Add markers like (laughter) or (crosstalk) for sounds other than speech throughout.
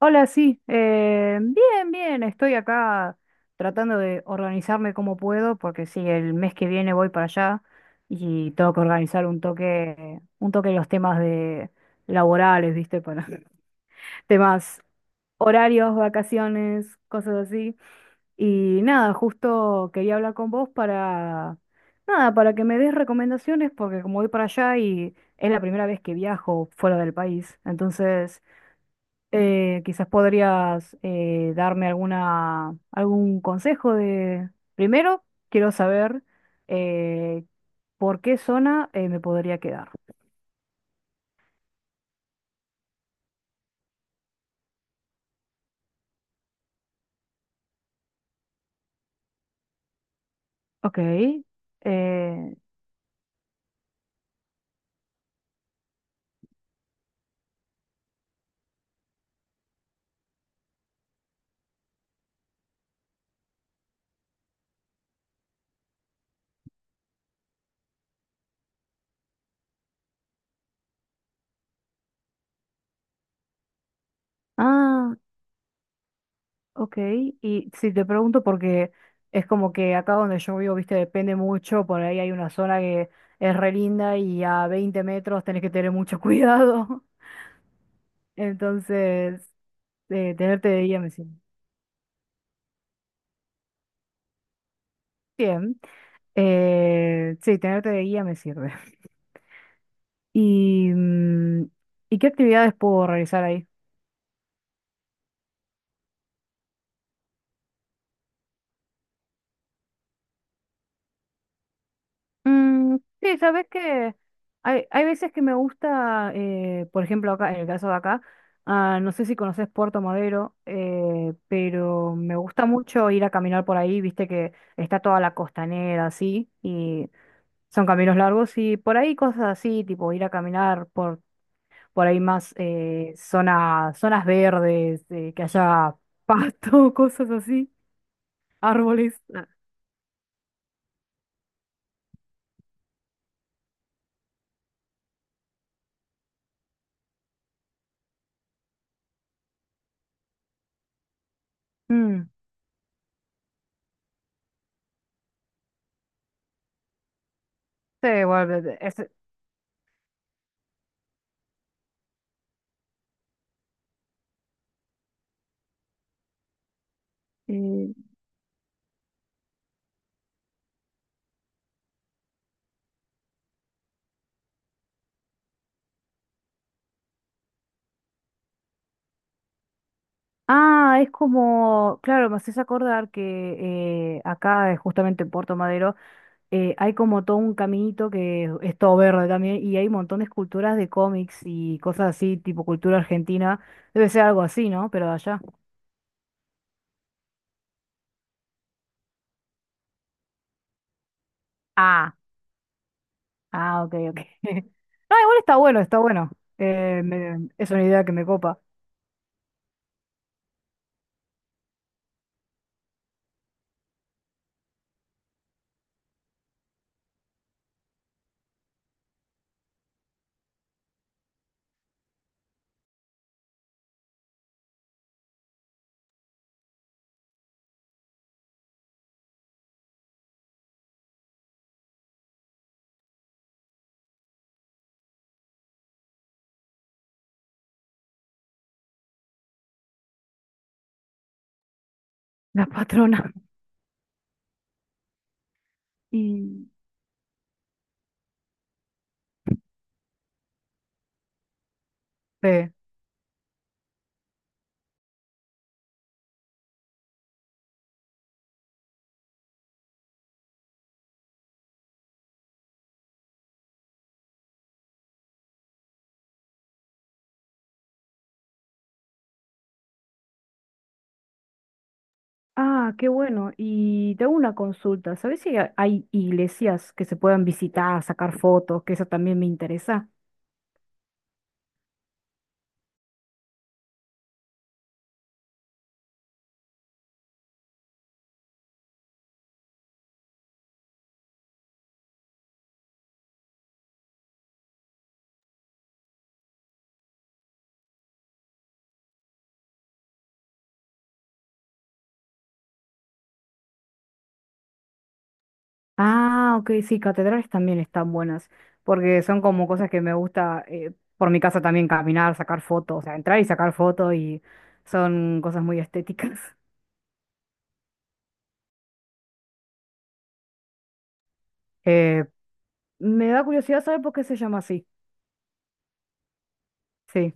Hola, sí. Bien, bien. Estoy acá tratando de organizarme como puedo, porque sí, el mes que viene voy para allá y tengo que organizar un toque los temas de laborales, ¿viste? Para (laughs) temas horarios, vacaciones, cosas así. Y nada, justo quería hablar con vos para, nada, para que me des recomendaciones, porque como voy para allá y es la primera vez que viajo fuera del país, entonces quizás podrías darme alguna, algún consejo de... Primero, quiero saber eh, por qué zona me podría quedar. Ok. eh, ah, ok. Y si te pregunto porque es como que acá donde yo vivo, viste, depende mucho. Por ahí hay una zona que es re linda y a 20 metros tenés que tener mucho cuidado. (laughs) Entonces, tenerte de guía me sirve. Bien. Sí, tenerte de guía me sirve. (laughs) ¿Y, y qué actividades puedo realizar ahí? Mm, sí, sabes que hay veces que me gusta, por ejemplo, acá, en el caso de acá, ah, no sé si conoces Puerto Madero, pero me gusta mucho ir a caminar por ahí, viste que está toda la costanera así, y son caminos largos, y por ahí cosas así, tipo ir a caminar por ahí más zonas verdes, que haya pasto, (laughs) cosas así, árboles. Ah, mm, sí, bueno, de- es, eh, ah, es como, claro, me haces acordar que acá, justamente en Puerto Madero, hay como todo un caminito que es todo verde también y hay un montón de esculturas de cómics y cosas así, tipo cultura argentina. Debe ser algo así, ¿no? Pero de allá. Ah. Ah, ok, ok. (laughs) No, igual está bueno, está bueno. Me- es una idea que me copa. La patrona. (laughs) Y... eh, Ah, qué bueno. Y te hago una consulta. ¿Sabes si hay iglesias que se puedan visitar, sacar fotos? Que eso también me interesa. Ah, ok, sí, catedrales también están buenas. Porque son como cosas que me gusta por mi casa también caminar, sacar fotos. O sea, entrar y sacar fotos y son cosas muy estéticas. (laughs) Eh, me da curiosidad saber por qué se llama así. Sí.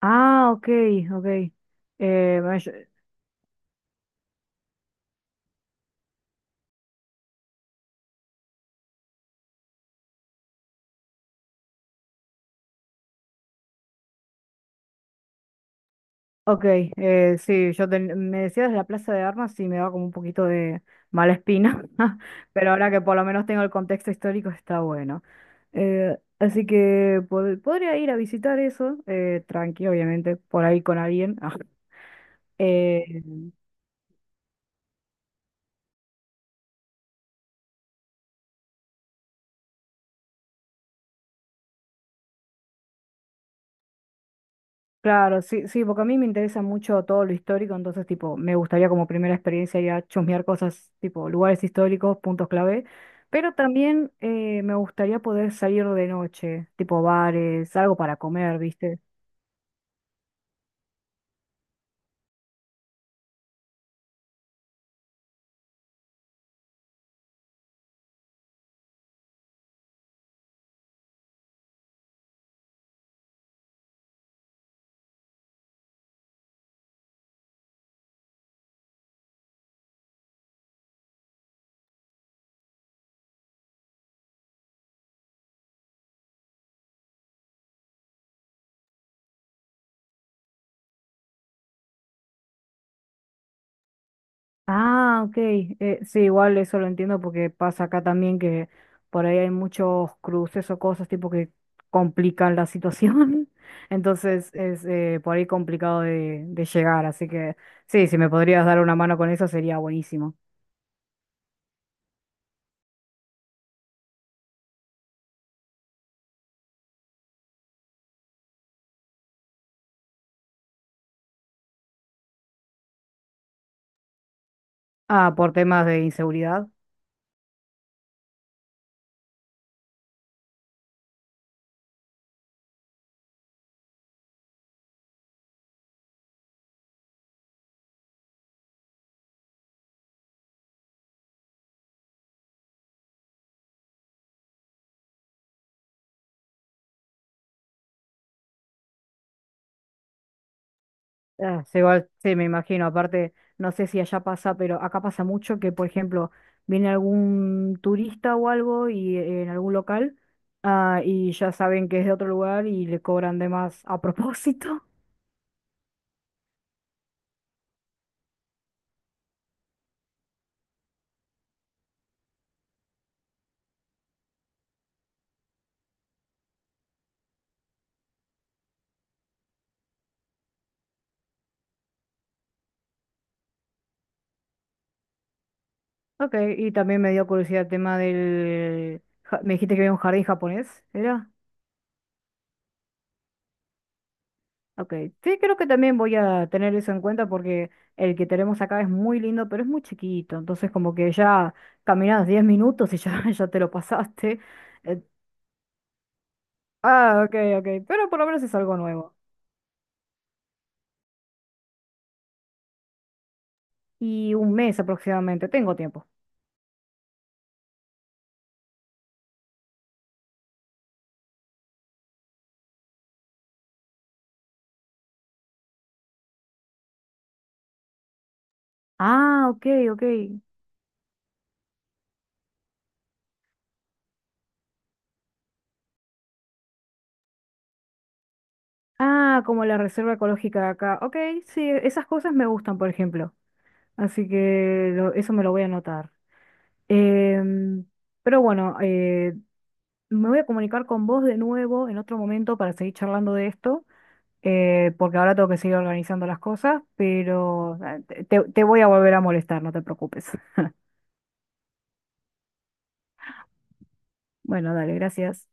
Ah, ok, ok. Eh, bueno, yo- ok, sí, me decías la Plaza de Armas y me da como un poquito de mala espina, (laughs) pero ahora que por lo menos tengo el contexto histórico está bueno. Así que podría ir a visitar eso, tranqui, obviamente, por ahí con alguien. (laughs) Eh, claro, sí, sí, porque a mí me interesa mucho todo lo histórico, entonces, tipo, me gustaría como primera experiencia ya chusmear cosas, tipo, lugares históricos, puntos clave, pero también me gustaría poder salir de noche, tipo bares, algo para comer, ¿viste? Ah, ok, sí, igual eso lo entiendo porque pasa acá también que por ahí hay muchos cruces o cosas, tipo, que complican la situación, (laughs) entonces es por ahí complicado de llegar, así que sí, si me podrías dar una mano con eso sería buenísimo. Ah, por temas de inseguridad. Ah, se va, sí, me imagino. Aparte, no sé si allá pasa, pero acá pasa mucho que, por ejemplo, viene algún turista o algo y en algún local, ah, y ya saben que es de otro lugar y le cobran de más a propósito. (laughs) Ok, y también me dio curiosidad el tema del... Me dijiste que había un jardín japonés, ¿era? Ok, sí, creo que también voy a tener eso en cuenta porque el que tenemos acá es muy lindo, pero es muy chiquito. Entonces, como que ya caminas 10 minutos y ya, (laughs) ya te lo pasaste. Eh, ah, ok, ok, pero por lo menos es algo nuevo. Y un mes aproximadamente, tengo tiempo. Ah, ok, ok. Ah, como la reserva ecológica de acá. Ok, sí, esas cosas me gustan, por ejemplo. Así que eso me lo voy a anotar. Em, pero bueno, me voy a comunicar con vos de nuevo en otro momento para seguir charlando de esto, porque ahora tengo que seguir organizando las cosas, pero te voy a volver a molestar, no te preocupes. Bueno, dale, gracias.